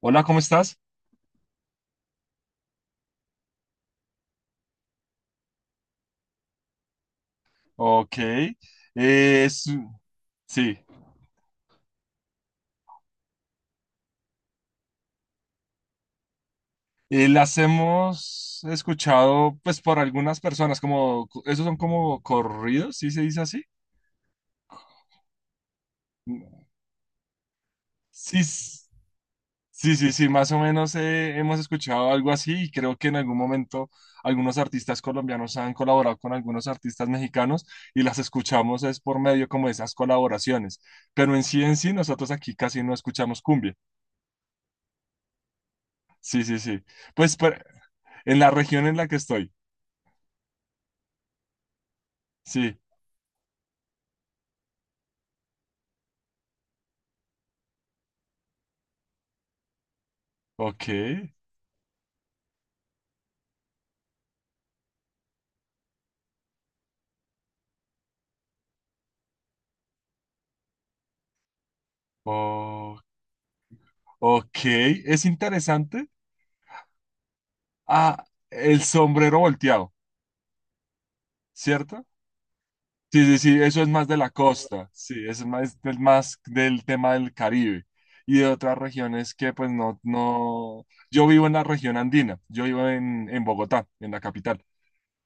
Hola, ¿cómo estás? Ok. Es- sí. Las hemos escuchado pues por algunas personas, como esos son como corridos, ¿sí se dice así? Sí, sí, sí, sí, más o menos hemos escuchado algo así y creo que en algún momento algunos artistas colombianos han colaborado con algunos artistas mexicanos y las escuchamos es por medio como de esas colaboraciones, pero en sí nosotros aquí casi no escuchamos cumbia. Sí, sí, sí. Pues pero- en la región en la que estoy. Sí, ok. o- ok, es interesante. Ah, el sombrero volteado, ¿cierto? Sí, sí, sí, eso es más de la costa, sí, eso es más del tema del Caribe y de otras regiones que pues no, no, yo vivo en la región andina, yo vivo en Bogotá, en la capital.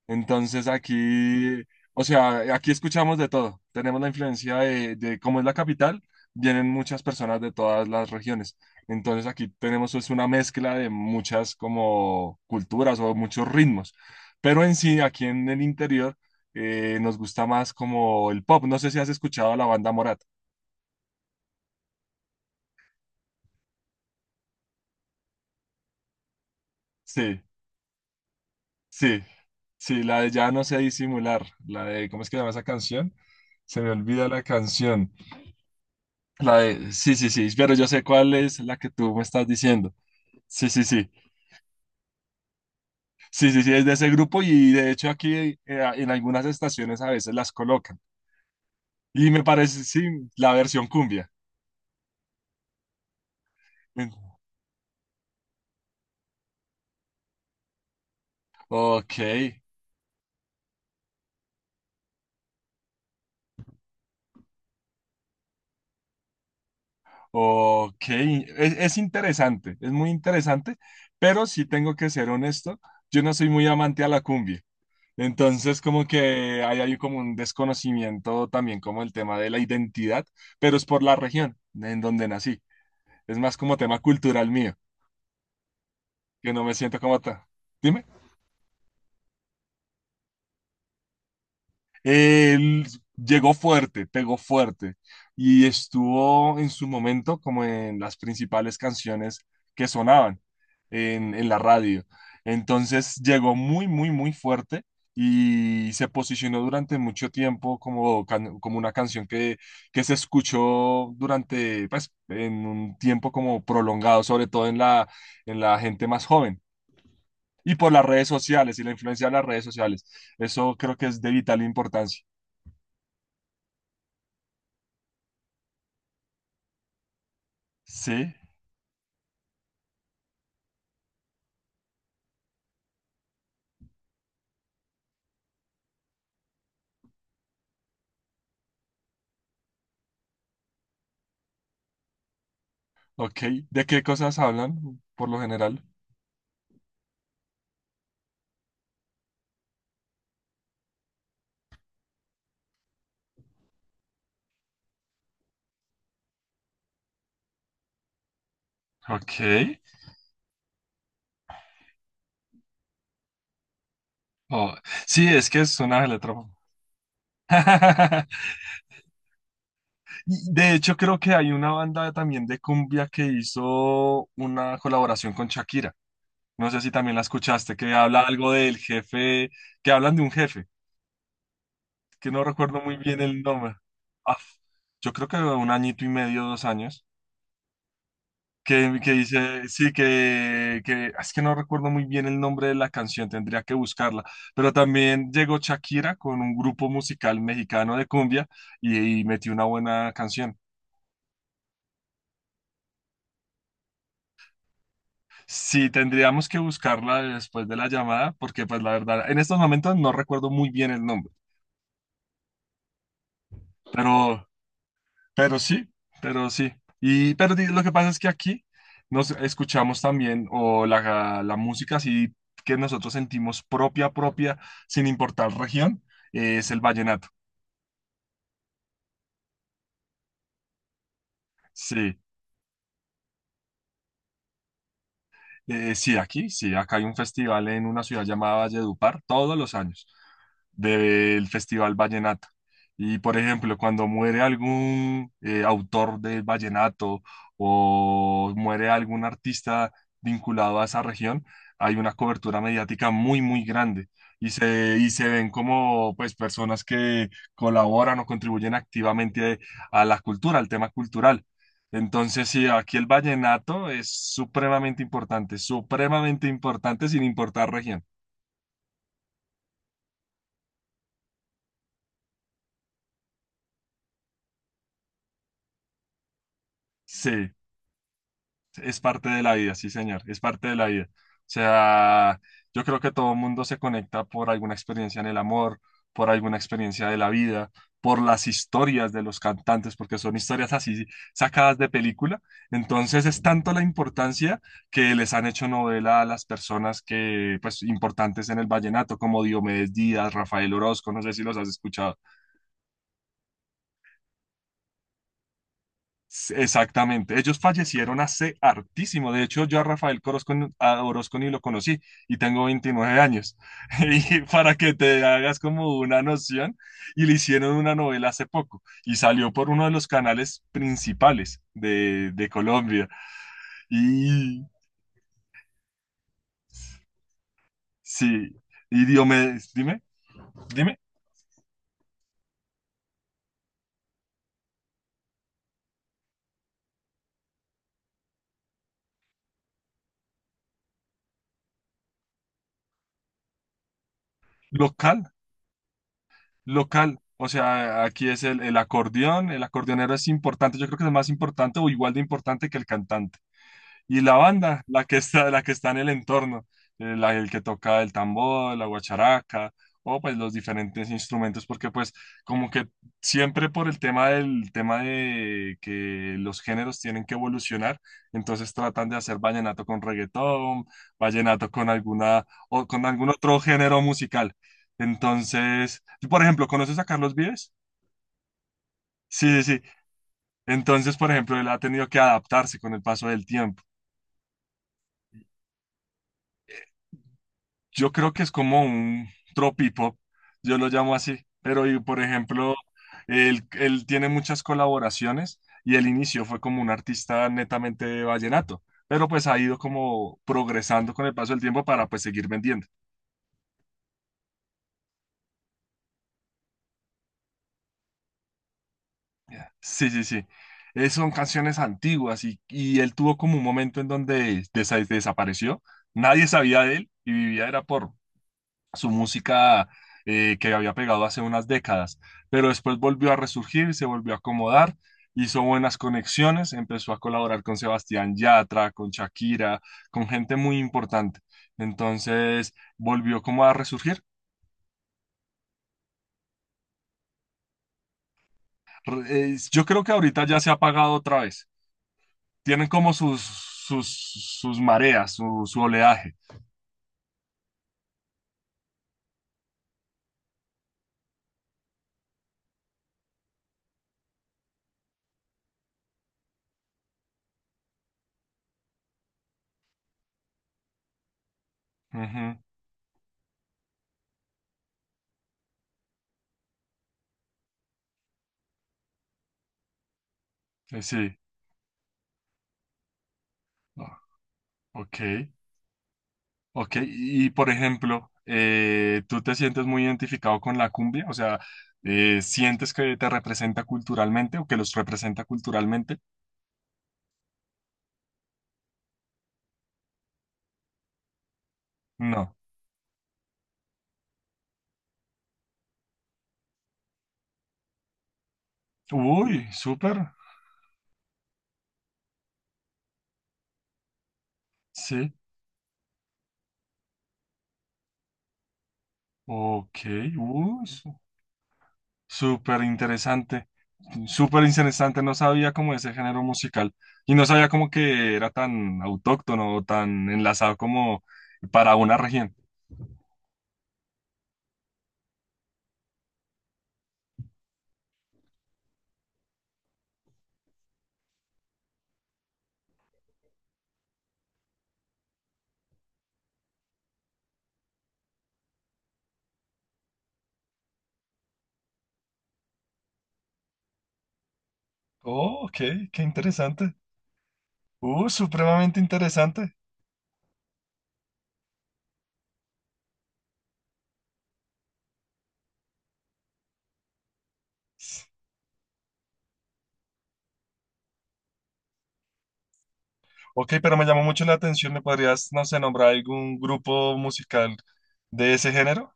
Entonces aquí, o sea, aquí escuchamos de todo. Tenemos la influencia de cómo es la capital, vienen muchas personas de todas las regiones. Entonces aquí tenemos es una mezcla de muchas como culturas o muchos ritmos. Pero en sí, aquí en el interior, nos gusta más como el pop. No sé si has escuchado la banda Morat. Sí, sí, sí, la de Ya no sé disimular, la de, ¿cómo es que se llama esa canción? Se me olvida la canción. La de, sí, sí, sí, pero yo sé cuál es la que tú me estás diciendo. Sí, sí, sí. Sí, sí, sí, es de ese grupo y de hecho aquí en algunas estaciones a veces las colocan. Y me parece, sí, la versión cumbia. En- Ok, ok. Es interesante, es muy interesante, pero sí tengo que ser honesto, yo no soy muy amante a la cumbia. Entonces, como que hay como un desconocimiento también como el tema de la identidad, pero es por la región en donde nací. Es más como tema cultural mío, que no me siento como tal. Dime. Él llegó fuerte, pegó fuerte y estuvo en su momento como en las principales canciones que sonaban en la radio. Entonces llegó muy, muy, muy fuerte y se posicionó durante mucho tiempo como, como una canción que se escuchó durante, pues, en un tiempo como prolongado, sobre todo en la gente más joven, y por las redes sociales y la influencia de las redes sociales. Eso creo que es de vital importancia. Sí, ok. ¿De qué cosas hablan por lo general? Ok. Oh, sí, es que es una letra. Y de hecho, creo que hay una banda también de cumbia que hizo una colaboración con Shakira. No sé si también la escuchaste, que habla algo del jefe, que hablan de un jefe, que no recuerdo muy bien el nombre. Ah, yo creo que un añito y medio, dos años. Que dice, sí, que es que no recuerdo muy bien el nombre de la canción, tendría que buscarla, pero también llegó Shakira con un grupo musical mexicano de cumbia y metió una buena canción. Sí, tendríamos que buscarla después de la llamada, porque pues la verdad, en estos momentos no recuerdo muy bien el nombre, pero Pero sí, pero sí. Y lo que pasa es que aquí nos escuchamos también o la música así que nosotros sentimos propia, propia, sin importar región, es el vallenato. Sí. Sí, aquí, sí, acá hay un festival en una ciudad llamada Valledupar todos los años del Festival Vallenato. Y por ejemplo, cuando muere algún autor del vallenato o muere algún artista vinculado a esa región, hay una cobertura mediática muy, muy grande y se ven como pues personas que colaboran o contribuyen activamente a la cultura, al tema cultural. Entonces, sí, aquí el vallenato es supremamente importante sin importar región. Sí. Es parte de la vida, sí, señor, es parte de la vida. O sea, yo creo que todo el mundo se conecta por alguna experiencia en el amor, por alguna experiencia de la vida, por las historias de los cantantes, porque son historias así sacadas de película. Entonces es tanto la importancia que les han hecho novela a las personas que, pues, importantes en el vallenato, como Diomedes Díaz, Rafael Orozco, no sé si los has escuchado. Exactamente, ellos fallecieron hace hartísimo. De hecho, yo a Rafael Corozco, a Orozco ni lo conocí y tengo 29 años. Y para que te hagas como una noción, y le hicieron una novela hace poco y salió por uno de los canales principales de Colombia. Y sí, y Diomedes, dime, dime, local, local. O sea, aquí es el acordeón, el acordeonero es importante, yo creo que es más importante o igual de importante que el cantante. Y la banda, la que está en el entorno, el que toca el tambor, la guacharaca, o pues los diferentes instrumentos, porque pues como que siempre por el tema de que los géneros tienen que evolucionar, entonces tratan de hacer vallenato con reggaetón, vallenato con alguna o con algún otro género musical. Entonces, por ejemplo, ¿conoces a Carlos Vives? Sí, sí, sí. Entonces, por ejemplo, él ha tenido que adaptarse con el paso del tiempo. Yo creo que es como un tropipop, yo lo llamo así, pero y, por ejemplo, él tiene muchas colaboraciones y el inicio fue como un artista netamente de vallenato, pero pues ha ido como progresando con el paso del tiempo para pues seguir vendiendo. Sí, sí, sí. Son canciones antiguas y él tuvo como un momento en donde desapareció, nadie sabía de él y vivía era por su música que había pegado hace unas décadas, pero después volvió a resurgir, se volvió a acomodar, hizo buenas conexiones, empezó a colaborar con Sebastián Yatra, con Shakira, con gente muy importante. Entonces volvió como a resurgir. Yo creo que ahorita ya se ha apagado otra vez. Tienen como sus, sus mareas, su oleaje. Ujú, sí. Ah, ok. Ok, y por ejemplo, ¿tú te sientes muy identificado con la cumbia? O sea, ¿sientes que te representa culturalmente o que los representa culturalmente? No. Uy, súper. Sí. Ok, uy, súper interesante. Súper interesante. No sabía cómo ese género musical. Y no sabía como que era tan autóctono o tan enlazado como para una región. Oh, ok, qué interesante. Supremamente interesante. Ok, pero me llamó mucho la atención. ¿Me podrías, no sé, nombrar algún grupo musical de ese género?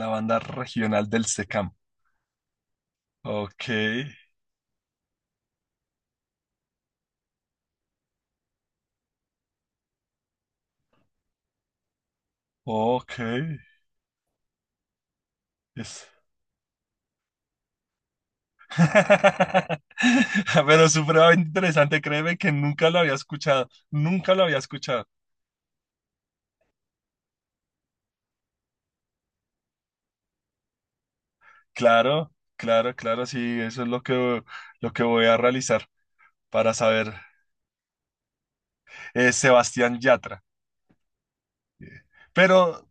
La banda regional del SECAM. Ok, ok. Es... Pero supremamente interesante, créeme que nunca lo había escuchado. Nunca lo había escuchado. Claro, claro, claro, sí, eso es lo que voy a realizar para saber. Sebastián Yatra. Pero,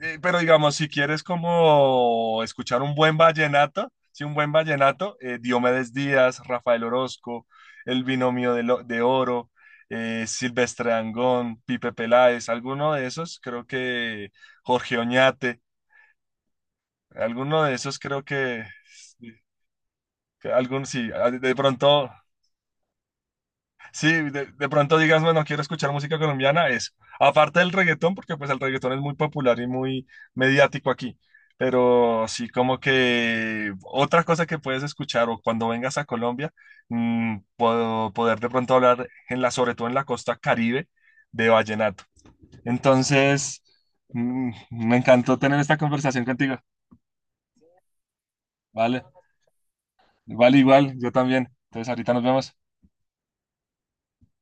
pero digamos, si quieres como escuchar un buen vallenato, sí, un buen vallenato, Diomedes Díaz, Rafael Orozco, El Binomio de Oro, Silvestre Dangond, Pipe Peláez, alguno de esos, creo que Jorge Oñate, alguno de esos creo que, sí, que algún, sí, de pronto. Sí, de pronto digas, bueno, quiero escuchar música colombiana, eso. Aparte del reggaetón, porque pues el reggaetón es muy popular y muy mediático aquí. Pero sí, como que otra cosa que puedes escuchar o cuando vengas a Colombia, mm, puedo poder de pronto hablar en la, sobre todo en la costa Caribe de vallenato. Entonces, me encantó tener esta conversación contigo. Vale, vale igual, yo también. Entonces, ahorita nos vemos.